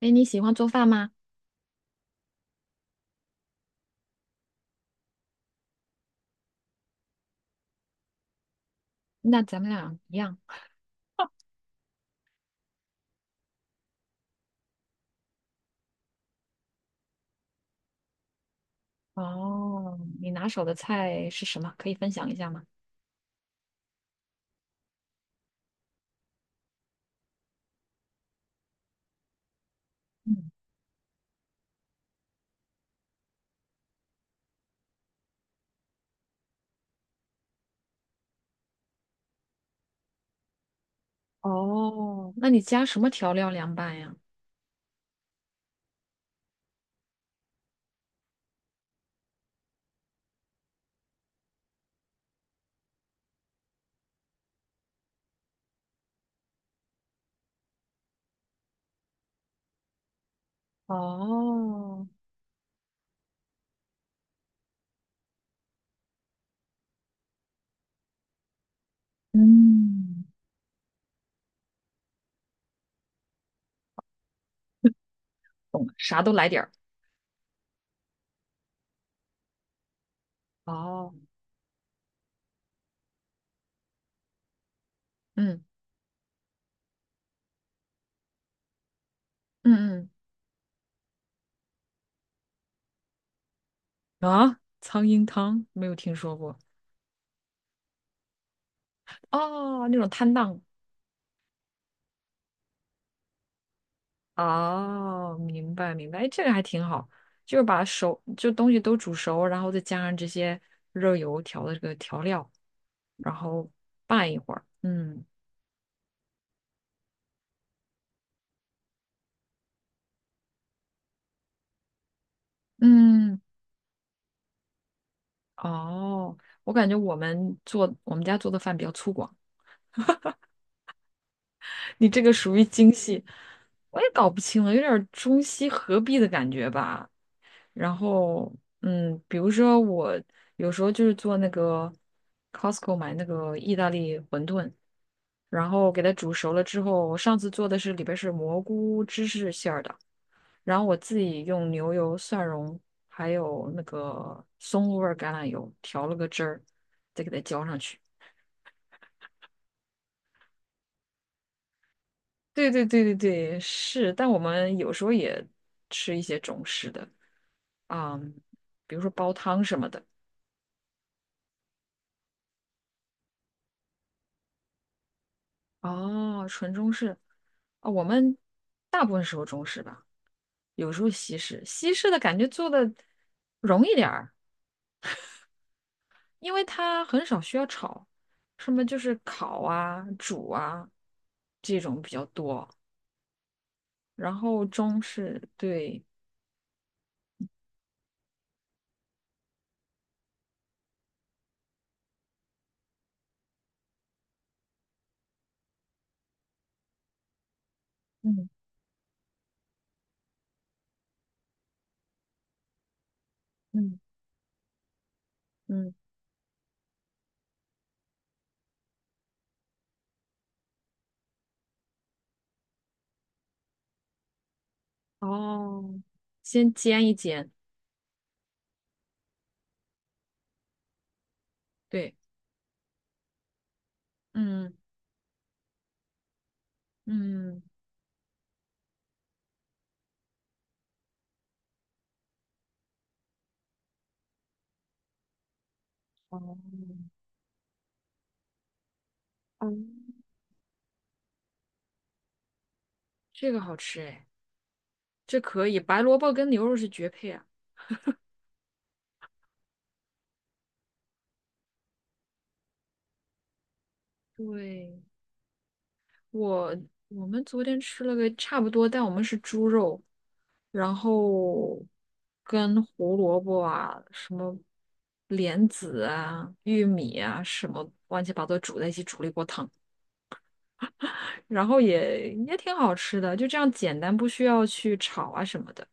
哎，你喜欢做饭吗？那咱们俩一样。哦，你拿手的菜是什么？可以分享一下吗？嗯。哦，那你加什么调料凉拌呀？哦。嗯。懂了，啥都来点儿。哦。嗯嗯嗯，啊，苍蝇汤没有听说过。哦，那种摊档。哦，明白明白。哎，这个还挺好，就是把熟就东西都煮熟，然后再加上这些热油调的这个调料，然后拌一会儿。嗯嗯。哦，我感觉我们做我们家做的饭比较粗犷，你这个属于精细。我也搞不清了，有点儿中西合璧的感觉吧。然后比如说我有时候就是做那个 Costco 买那个意大利馄饨。然后给它煮熟了之后，我上次做的是里边是蘑菇芝士馅儿的，然后我自己用牛油、蒜蓉还有那个松露味儿橄榄油调了个汁儿，再给它浇上去。对对对对对，是，但我们有时候也吃一些中式的，啊，比如说煲汤什么的。哦，纯中式。啊、我们大部分时候中式吧，有时候西式。西式的感觉做的容易点儿，因为它很少需要炒，什么就是烤啊、煮啊这种比较多。然后中式，对。嗯嗯。嗯。哦，先煎一煎。对。嗯嗯。哦。哦，这个好吃哎。这可以，白萝卜跟牛肉是绝配啊。对。我我们昨天吃了个差不多，但我们是猪肉，然后跟胡萝卜啊、什么莲子啊、玉米啊什么乱七八糟煮在一起煮了一锅汤，然后也也挺好吃的，就这样简单，不需要去炒啊什么的。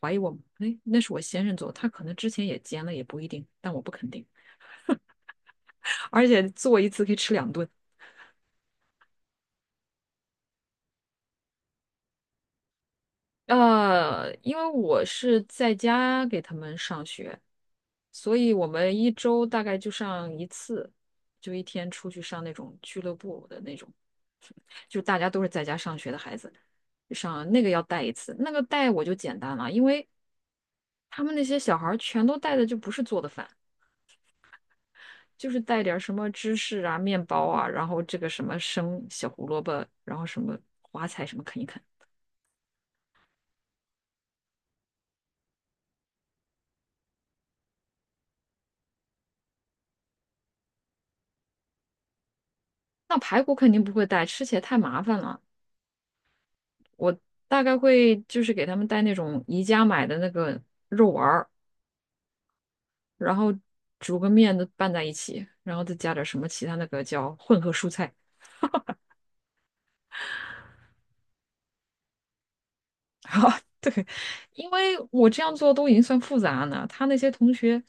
怀疑我，哎，那是我先生做的，他可能之前也煎了，也不一定，但我不肯定。而且做一次可以吃两顿。因为我是在家给他们上学，所以我们一周大概就上一次，就一天出去上那种俱乐部的那种，就大家都是在家上学的孩子，上那个要带一次，那个带我就简单了，因为他们那些小孩儿全都带的就不是做的饭，就是带点儿什么芝士啊、面包啊，然后这个什么生小胡萝卜，然后什么花菜什么啃一啃。那排骨肯定不会带，吃起来太麻烦了，大概会就是给他们带那种宜家买的那个肉丸儿。然后煮个面都拌在一起，然后再加点什么其他那个叫混合蔬菜。 啊，对，因为我这样做都已经算复杂呢，他那些同学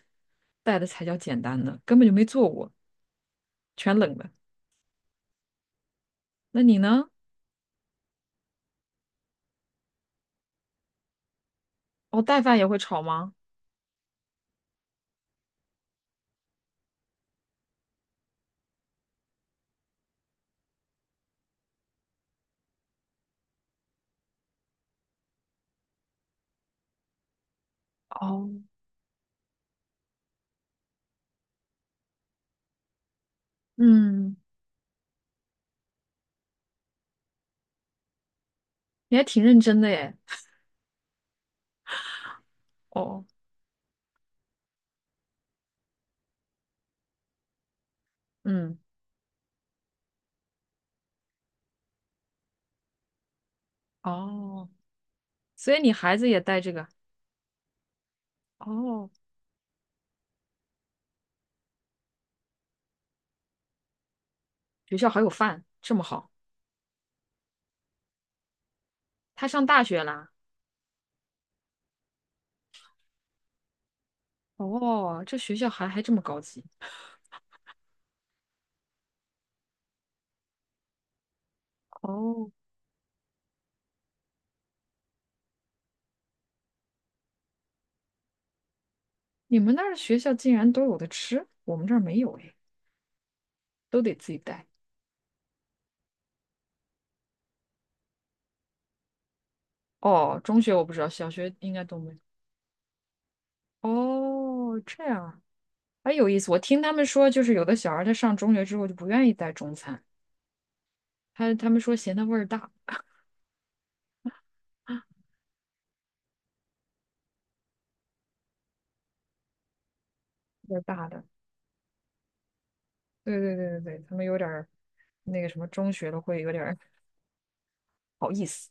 带的才叫简单的，根本就没做过，全冷的。那你呢？哦，带饭也会炒吗？嗯，你还挺认真的耶。哦。嗯。哦，所以你孩子也带这个？哦，学校还有饭，这么好。他上大学啦？哦，这学校还还这么高级。哦，你们那儿学校竟然都有的吃，我们这儿没有哎，都得自己带。哦，中学我不知道，小学应该都没有。哦，这样还哎，有意思。我听他们说，就是有的小孩儿他上中学之后就不愿意带中餐，他他们说嫌它味儿大，味儿大的。对对对对对，他们有点儿那个什么，中学的会有点儿不好意思。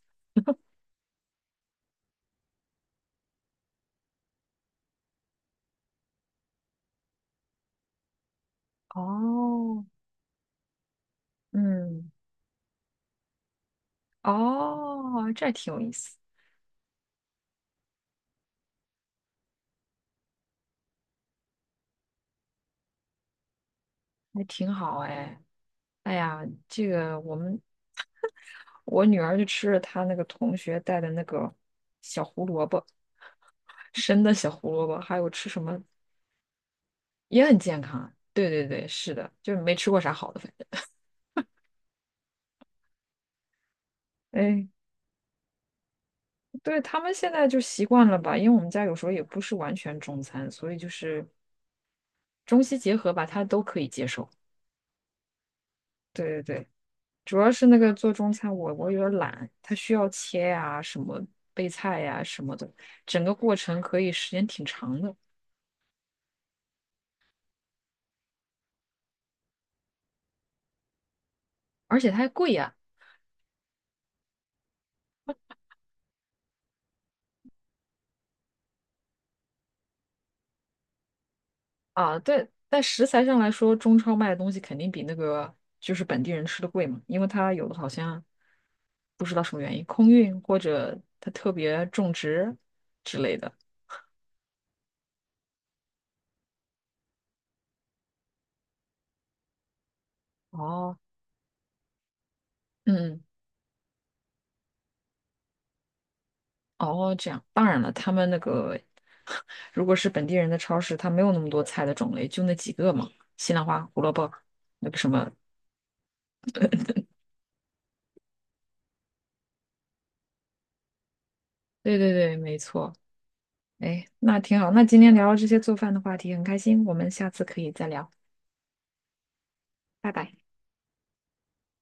哦。嗯。哦，这挺有意思，还挺好哎。哎呀，这个我们我女儿就吃了她那个同学带的那个小胡萝卜，生的小胡萝卜，还有吃什么也很健康。对对对，是的，就是没吃过啥好的，反正。哎，对，他们现在就习惯了吧，因为我们家有时候也不是完全中餐，所以就是中西结合吧，他都可以接受。对对对，主要是那个做中餐我，我有点懒，它需要切呀、什么备菜呀、什么的，整个过程可以时间挺长的，而且它还贵呀、啊，对，但食材上来说，中超卖的东西肯定比那个就是本地人吃的贵嘛，因为它有的好像不知道什么原因空运或者它特别种植之类的。哦。嗯。哦，这样。当然了，他们那个 如果是本地人的超市，它没有那么多菜的种类，就那几个嘛，西兰花、胡萝卜，那个什么。对对对，没错。哎，那挺好。那今天聊了这些做饭的话题，很开心。我们下次可以再聊，拜拜。